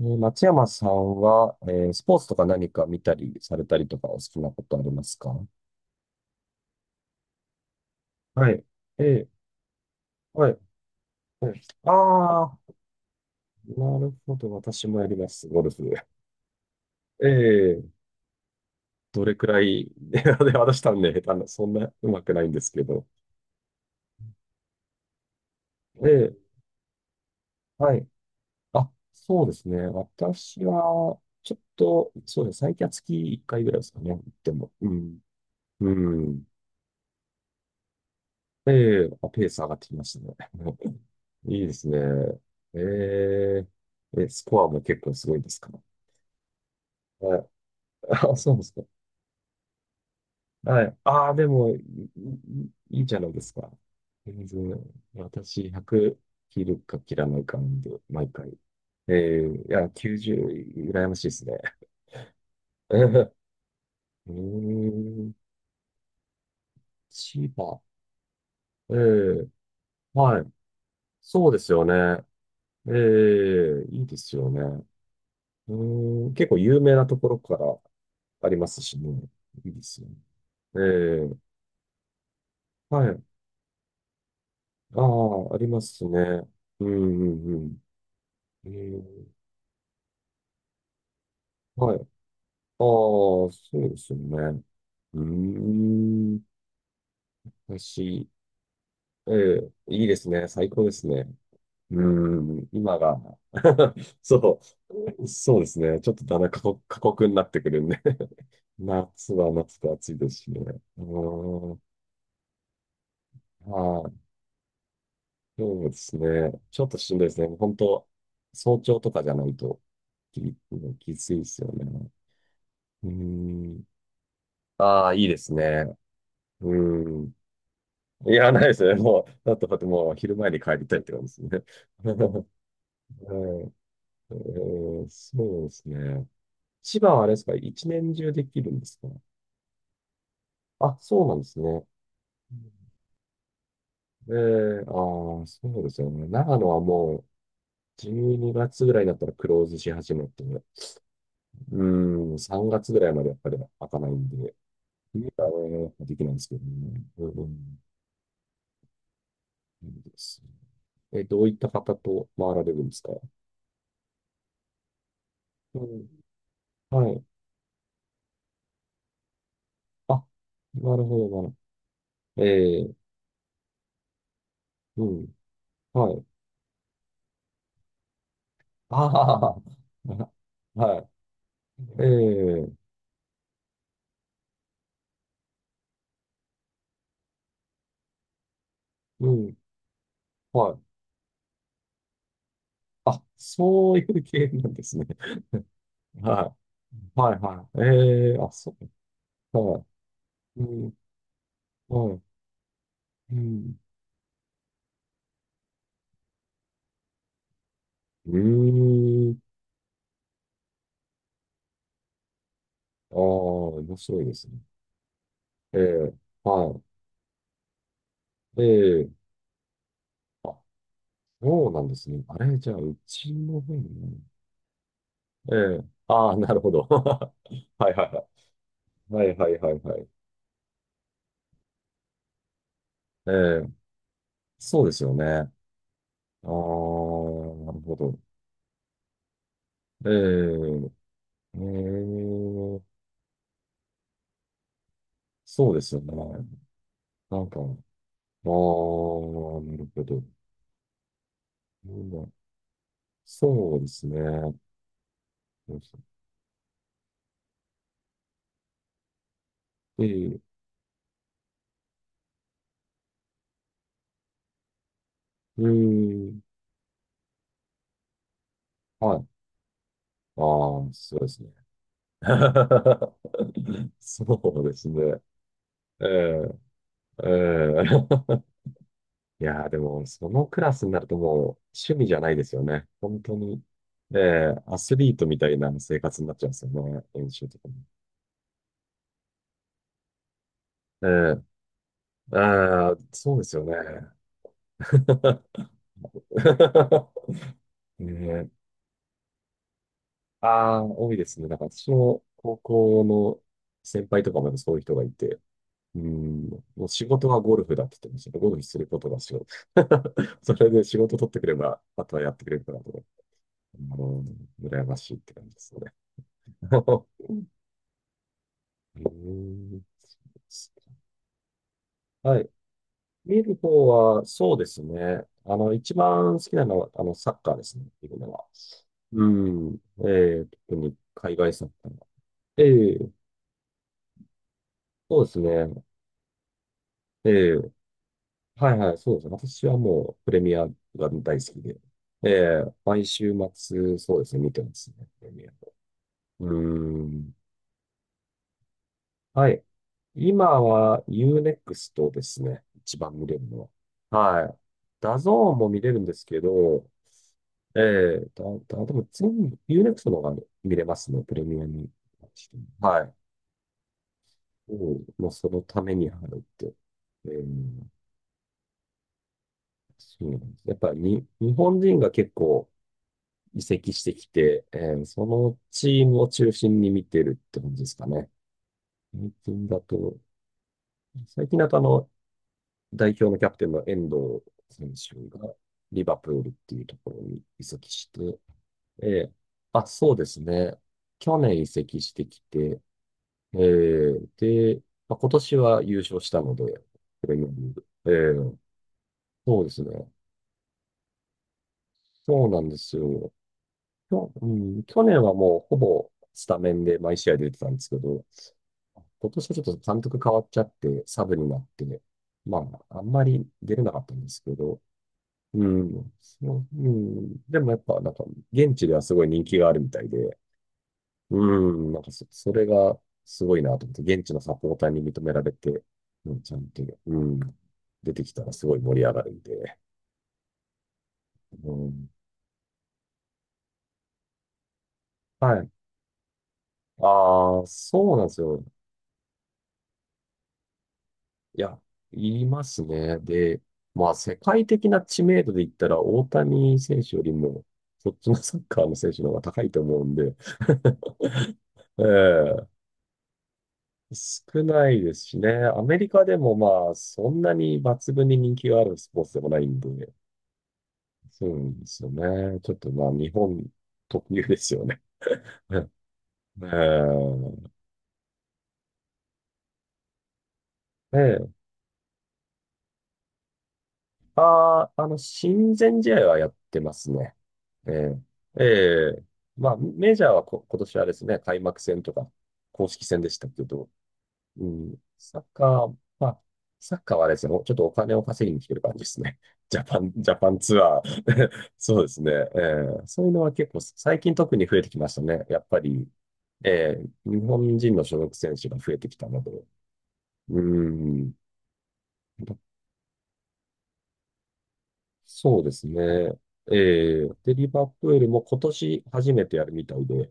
松山さんは、スポーツとか何か見たりされたりとかお好きなことありますか？はい。えーはい。ああー、なるほど。私もやります、ゴルフ。ええどれくらい、で、私多分ね、下手な、そんな上手くないんですけど。ええはい。あ、そうですね。私は、ちょっと、そうですね。最近は月1回ぐらいですかね。でも、うん。うん。えあ、ペース上がってきましたね。いいですね。えスコアも結構すごいですか？はい。あ、そうですか。はい。ああ、でも、いいじゃないですか。全然、私、100切るか切らないかなんで、毎回。いや、90、羨ましいですね。えー、うーん千葉。えー、はい。そうですよね。いいですよね。結構有名なところからありますしね。いいですよね。ええ、はい。ああ、ありますね。うん、うん、うん。うん、はい。ああ、そうですよね。うーん。私、ええ、いいですね。最高ですね。うーん、今が。そそうですね。ちょっとだんだん過酷になってくるんで、 夏は夏で暑いですしね。うーん。はい。そうですね。ちょっとしんどいですね、本当。早朝とかじゃないとき、きついですよね。うーん。ああ、いいですね。うーん。いや、ないですね。もう、だってもう昼前に帰りたいって感じですね。はい。そうですね。千葉はあれですか、一年中できるんですか？あ、そうなんですね。ええ、ああ、そうですよね。長野はもう12月ぐらいになったらクローズし始めて、うん、3月ぐらいまでやっぱり開かないんで、冬はね、できないんですけどね。うん、そうですねえ、どういった方と回られるんですか？うん、はい。あ、なるほど、なるほど。うん、はい。ああ、はい。えーうん、はい。あ、そういう系なんですね。はい。はい、はい。あ、そう。はい。うん、はい。うん。うーん。ああ、面白いですね。ええ、はい。ええ、あ、そうなんですね。あれ、じゃあ、うちの方にね。ええ、ああ、なるほど。はいはいはい。はいはいはいはい。ええ、そうですよね。ああ、なるほど。ええ、ええ、そうですよね。なんか、ああ、なるほど。うん、そうですね。ええ、うん、はい。ああ、そうですね。そうですね。ええ、ええ。いやー、でも、そのクラスになるともう趣味じゃないですよね、本当に。ええ、アスリートみたいな生活になっちゃうんですよね、練習とかも。ええ、ああ、そうですよね。ねえ、ああ、多いですね。なんか私の高校の先輩とかもそういう人がいて、うん、もう仕事はゴルフだって言ってましたけど、ゴルフすることが仕事。それで仕事取ってくれば、あとはやってくれるからと、あの、羨ましいって感じですよね。うん、はい。見る方は、そうですね。あの、一番好きなのは、あの、サッカーですね、見るのは。うん。特に海外サッカー。ええそうですね。ええはいはい、そうですね。私はもうプレミアが大好きで、毎週末、そうですね、見てますね、プレミア。うーん。はい。今はユーネックスとですね、一番見れるのは。はい。ダゾーンも見れるんですけど、ええだ、だ、でも全部ユーネックストの方が見れますね、プレミアに。はい。うん、もうそのためにあるって。えー、そうなんです。やっぱりに、日本人が結構、移籍してきて、そのチームを中心に見てるって感じですかね。最近だと、最近だとあの、代表のキャプテンの遠藤選手がリバプールっていうところに移籍して、えーあ、そうですね。去年移籍してきて、で、まあ、今年は優勝したので、プレミアリーグ、そうですね。そうなんですよ。去年はもうほぼスタメンで毎試合出てたんですけど、今年はちょっと監督変わっちゃって、サブになって、まあ、あんまり出れなかったんですけど、うん、そう、うん、でもやっぱ、なんか、現地ではすごい人気があるみたいで、うん、なんかそれがすごいなと思って、現地のサポーターに認められて、うん、ちゃんと、うん、出てきたらすごい盛り上がるんで、うん、はい。ああ、そうなんですよ。いや、言いますね。で、まあ、世界的な知名度で言ったら、大谷選手よりも、そっちのサッカーの選手の方が高いと思うんで、ええ少ないですしね。アメリカでもまあ、そんなに抜群に人気があるスポーツでもないんで、そうなんですよね。ちょっとまあ、日本特有ですよね。ええええああ、あの、親善試合はやってますね。ええええまあ、メジャーは今年はですね、開幕戦とか、公式戦でしたけど、うん、サッカー、まあ、サッカーはですね、ちょっとお金を稼ぎに来てる感じですね。ジャパンツアー。そうですね。そういうのは結構、最近特に増えてきましたね。やっぱり、日本人の所属選手が増えてきたので、うん、そうですね。えで、リバプールも今年初めてやるみたいで、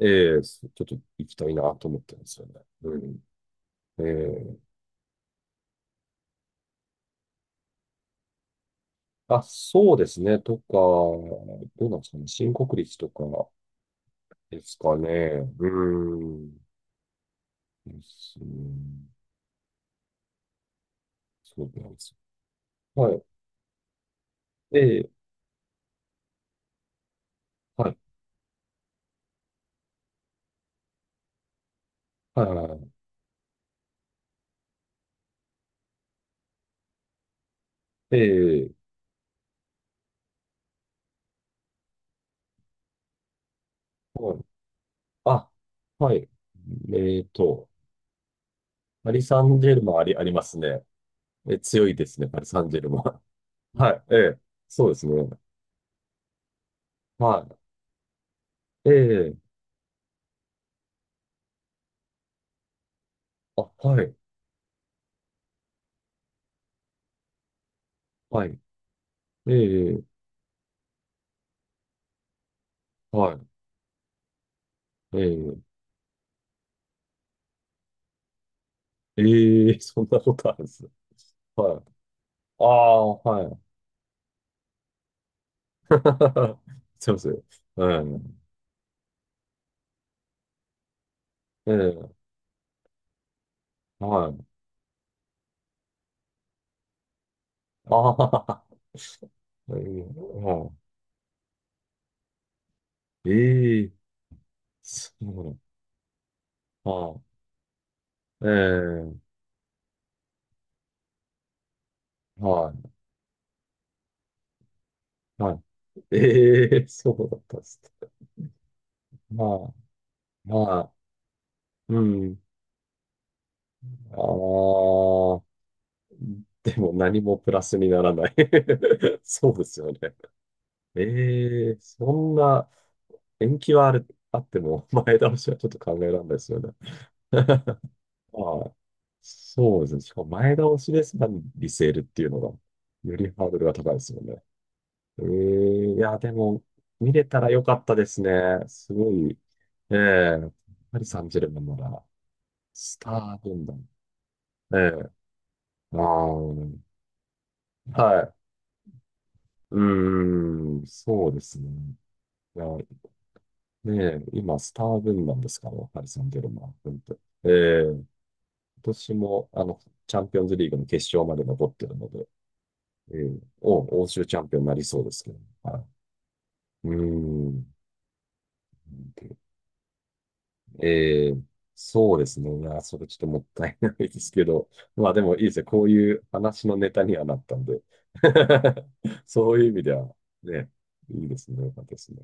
ちょっと行きたいなと思ってるんですよね。うん。ええあ、そうですね。とか、どうなんですかね。新国立とかですかね。うん。ですね。そうなんですよ。はい。ええはい。はいはいはい。ええはい。あ、はい。えっと、パリ・サンジェルマンありますね。え、強いですね、パリ・サンジェルマン。はい、ええ、そうですね。はい、ええ、あ、はい、はい、ええ、はい、ええ、ええ、そんなことあるんですね。はい。ああ、はい。すいません。ええ、ええ、はい。ああ、ええ、はい。ええ、そうだ。はい。ええ、はい、はい。ええ、そうだったっすね。はい、はい。うん。ああ、でも何もプラスにならない。 そうですよね。そんな延期はあっても、 前倒しはちょっと考えられないですよね。はい。そうですね。しかも前倒しですが、リセールっていうのが、よりハードルが高いですよね。いや、でも、見れたらよかったですね、すごい。ええパリ・サンジェルマンなら、スター軍団。ええああ、はい。うーん、そうですね。いや、ねえ、今、スター軍団ですから、パリ・サンジェルマン軍って。ええ、今年も、あの、チャンピオンズリーグの決勝まで残ってるので、ええ、欧州チャンピオンになりそうですけど、はい。うーん。ええ、そうですね。いや、それちょっともったいないですけど、まあでもいいですね。こういう話のネタにはなったんで、そういう意味では、ね、いいですね。よかったですね。